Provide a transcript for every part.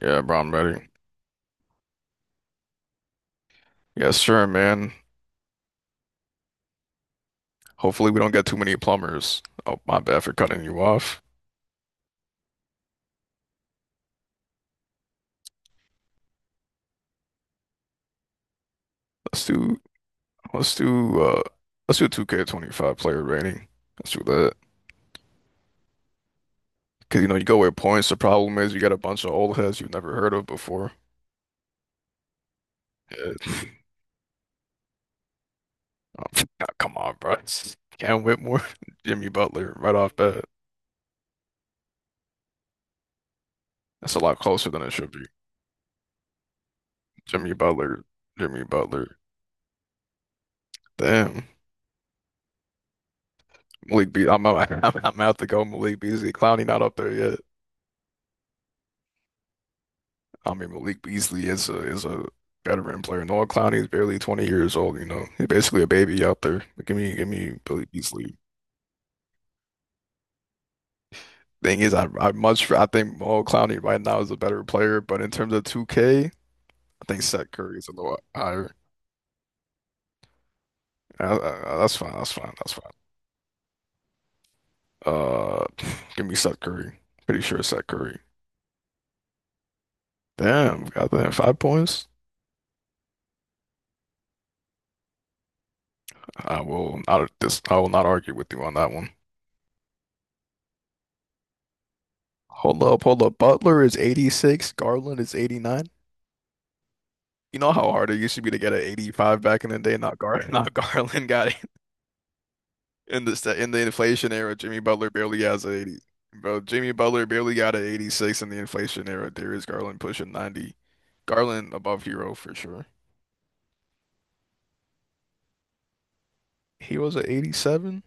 Yeah, bro, I'm ready. Yeah, sure, man. Hopefully we don't get too many plumbers. Oh, my bad for cutting you off. Let's do let's do uh let's do 2K25 player rating. Let's do that. Cause you know you go with points. The problem is you got a bunch of old heads you've never heard of before. Yeah. Oh, come on, bro. Cam Whitmore, Jimmy Butler, right off bat. That's a lot closer than it should be. Jimmy Butler, Jimmy Butler. Damn. Malik B. I'm out, I'm out to go Malik Beasley. Clowney not up there yet. I mean, Malik Beasley is a veteran player. Noah Clowney is barely 20 years old. He's basically a baby out there. Give me Billy Beasley. Thing is, I think Noah Clowney right now is a better player, but in terms of 2K, I think Seth Curry is a little higher. That's fine, that's fine, that's fine. Uh, give me Seth Curry. Pretty sure it's Seth Curry. Damn, got that 5 points. I will not argue with you on that one. Hold up, hold up. Butler is 86, Garland is 89. You know how hard it used to be to get an 85 back in the day? Not Gar, Not Garland got it in the inflation era. Jimmy Butler barely has an 80. Bro, Jimmy Butler barely got an 86 in the inflation era. Darius Garland pushing 90. Garland above hero for sure. He was an 87?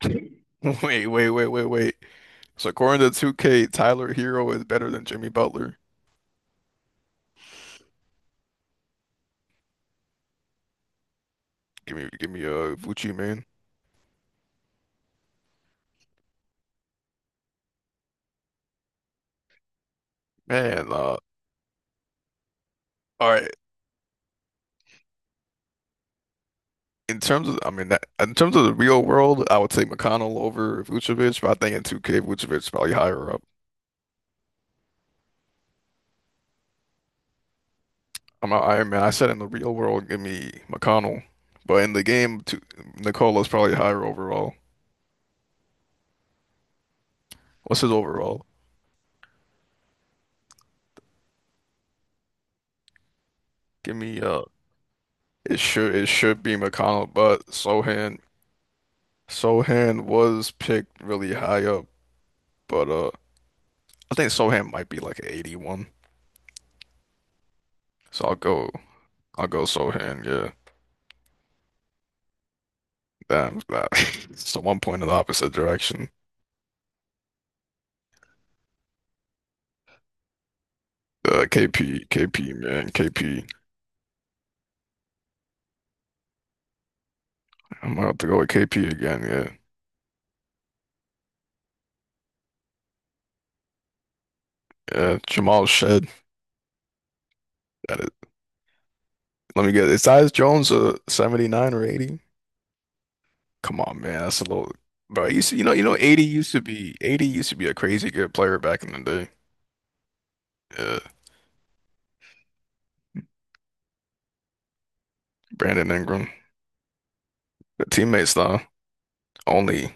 Wait, wait, wait, wait, wait. So according to 2K, Tyler Hero is better than Jimmy Butler. Give me a Vucci man. Man, all right. In terms of, I mean, that, in terms of the real world, I would take McConnell over Vucevic, but I think in 2K, Vucevic's probably higher up. I'm not Iron Man. I said in the real world, give me McConnell, but in the game, two, Nicolo's probably higher overall. What's his overall? Give me, it should be McConnell, but Sohan was picked really high up, but I think Sohan might be like 81, so I'll go Sohan. Yeah, damn, that. It's the 1 point in the opposite direction. KP, KP, man, KP. I'm gonna have to go with KP again. Yeah, yeah. Jamal Shed. That is- Let me get. Is Tyus Jones a 79 or 80? Come on, man. That's a little. Bro, you see, 80 used to be a crazy good player back in the day. Yeah, Brandon Ingram. The teammates though, only.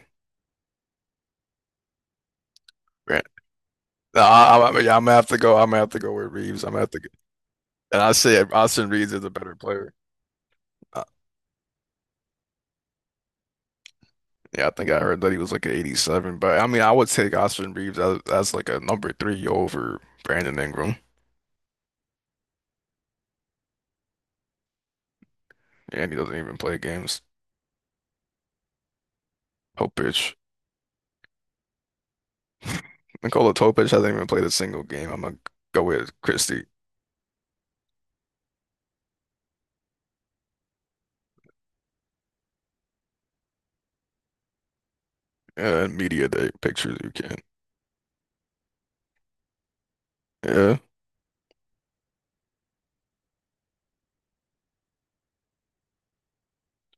Bran- Nah, yeah, I'm gonna have to go. I'm gonna have to go with Reeves. I'm gonna have to. Go. And I say Austin Reeves is a better player. Yeah, I think I heard that he was like an 87, but I mean, I would take Austin Reeves as, like a number three over Brandon Ingram, and he doesn't even play games. Topic. Nikola Topic hasn't even played a single game. I'm gonna go with Christie. Media day pictures you can. Yeah,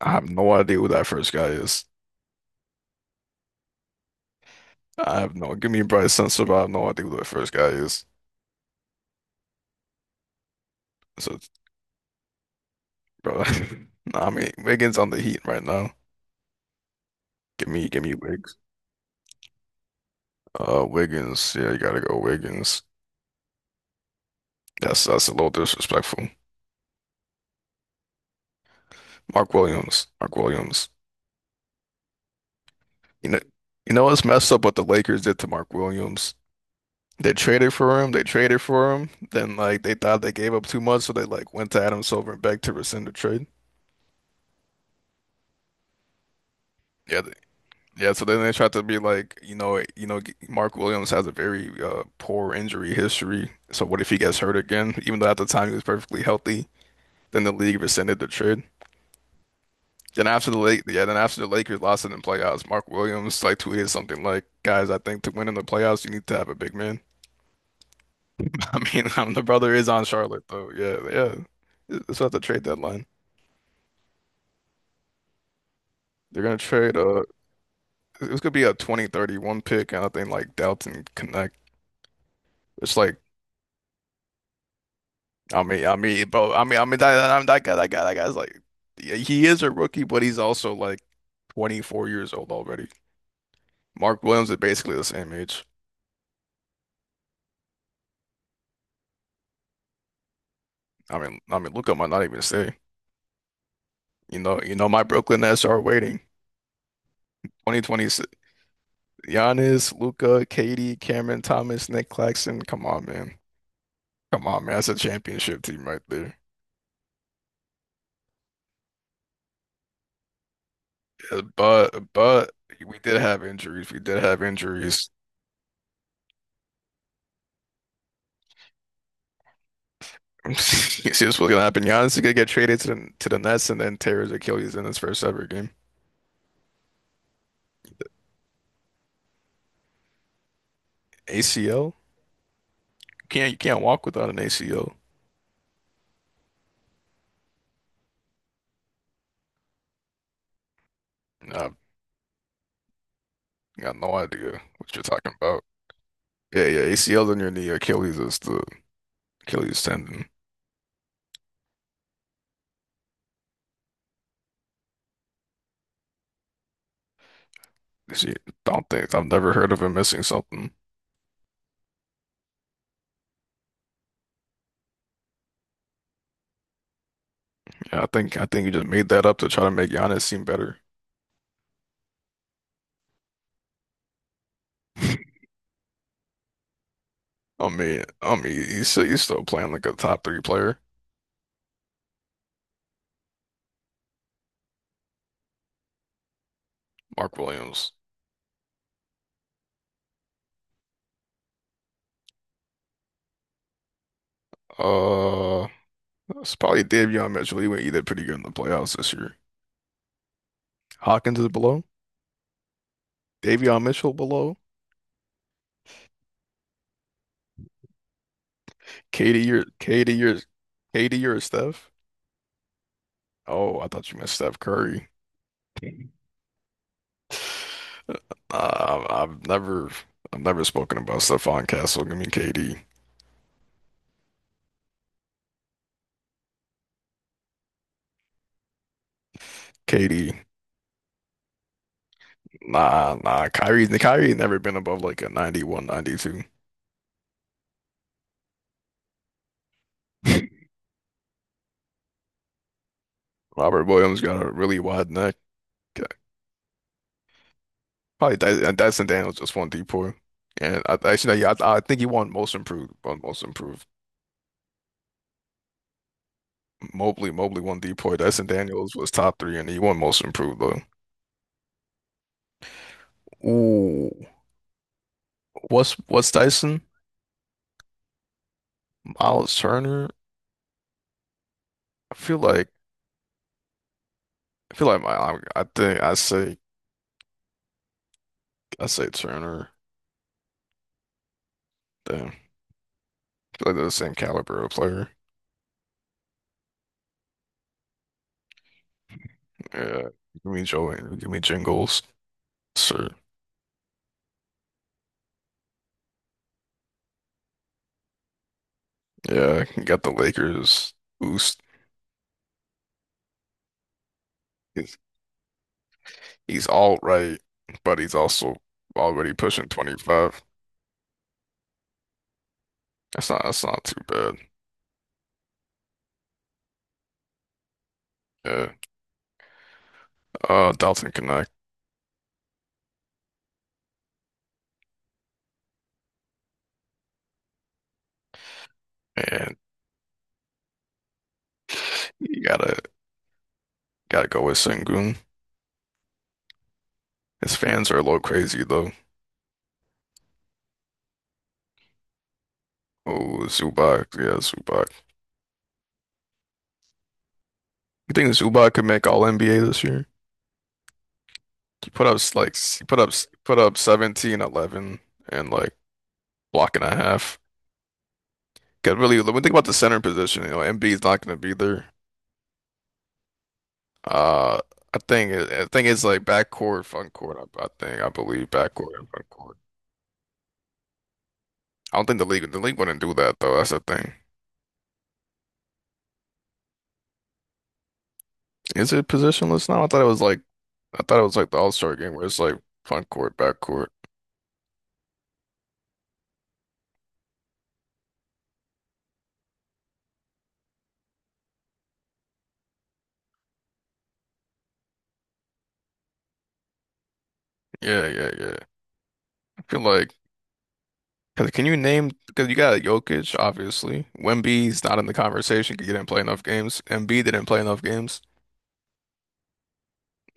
I have no idea who that first guy is. I have no. Give me Bryce Sensabaugh. I have no idea who that first guy is. So, bro, nah, I mean Wiggins on the Heat right now. Give me Wiggs. Wiggins. Yeah, you gotta go Wiggins. That's a little disrespectful. Mark Williams. Mark Williams. You know you know what's messed up what the Lakers did to Mark Williams? They traded for him, then like they thought they gave up too much, so they like went to Adam Silver and begged to rescind the trade. Yeah, yeah, so then they tried to be like, Mark Williams has a very poor injury history. So what if he gets hurt again? Even though at the time he was perfectly healthy, then the league rescinded the trade. Then after the Lakers lost it in the playoffs, Mark Williams like tweeted something like, "Guys, I think to win in the playoffs, you need to have a big man." I mean, the brother is on Charlotte though. Yeah, yeah. It's at the trade deadline. They're gonna trade. It's gonna be a 2031 pick, and I think like Dalton Connect. It's like, bro, that guy's like, yeah, he is a rookie, but he's also like 24 years old already. Mark Williams is basically the same age. I mean, Luka might not even stay. You know, my Brooklyn Nets are waiting. 2020, Giannis, Luca, KD, Cameron Thomas, Nick Claxton. Come on, man. Come on, man. That's a championship team right there. Yeah, but we did have injuries. We did have injuries. You see what's gonna happen. Giannis is gonna get traded to the Nets and then tear his Achilles in his first ever game. ACL? You can't walk without an ACL. Nah, I got no idea what you're talking about. Yeah, yeah, ACL in your knee, Achilles is the Achilles tendon. See, don't think I've never heard of him missing something. Yeah, I think you just made that up to try to make Giannis seem better. I mean, he's still playing like a top three player. Mark Williams. Uh, it's probably Davion Mitchell. He went either pretty good in the playoffs this year. Hawkins is below. Davion Mitchell below. KD your KD your KD your Steph. Oh, I thought you meant Steph Curry. Uh, I've I've never I've never spoken about Stephon Castle. Give me KD. KD. Nah, nah. Kyrie never been above like a 91, 92. Robert Williams got a really wide neck. Probably and Dyson Daniels just won D4. And I actually, yeah, I think he won most improved. Mobley won D4. Dyson Daniels was top three, and he won most improved though. Ooh, what's Dyson? Miles Turner? I feel like I feel like I think I say Turner. Damn, I feel like they're the same caliber of player. Yeah, give me Jingles. Sir, yeah, got the Lakers boost. He's, he's all right, but he's also already pushing 25. That's not too bad. Yeah, Dalton Connect, and you gotta go with Sengun. His fans are a little crazy though. Oh, Zubac, yeah, Zubac. You think Zubac could make All NBA this year? He put up like he put up 17, 11, and like block and a half. Because really, when we think about the center position, Embiid's not going to be there. Uh, I think it's like backcourt, front court. I believe backcourt and front court. I don't think the league wouldn't do that though. That's the thing. Is it positionless now? I thought it was like the All-Star game where it's like front court, back court. Yeah, yeah, yeah. I feel like because you got Jokic obviously. Wemby's not in the conversation because he didn't play enough games. Embiid didn't play enough games.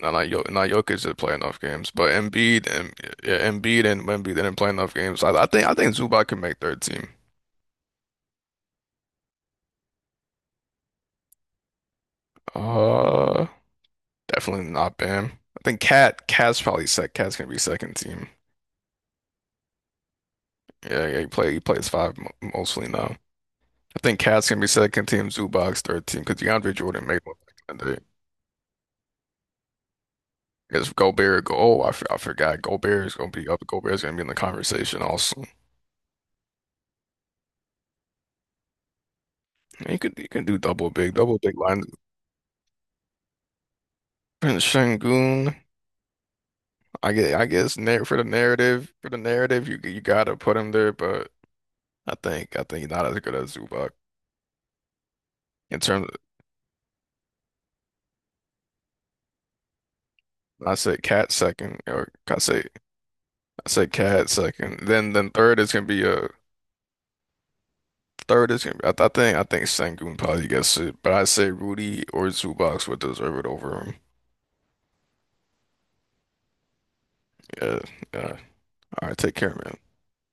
No, not Jokic. Not Jokic didn't play enough games, but Embiid and Wemby didn't play enough games. I think Zubac can make third team. Uh, Definitely not Bam. I think Cat's probably sec. Cat's gonna be second team. Yeah, yeah, he plays five mo mostly now. I think Cat's gonna be second team, Zubac's third team because DeAndre Jordan made one back in the day. Because Gobert, oh, I forgot. Gobert is gonna be up. Gobert's gonna be in the conversation also. You can do double big line. And Şengün. I guess nar for the narrative, you gotta put him there, but I think he's not as good as Zubac in terms I said Cat second, or I said Cat second. Then third is gonna be a third is gonna be, I think Sengun probably gets it, but I say Rudy or Zubac would deserve it over him. Yeah, yeah. All right, take care, man.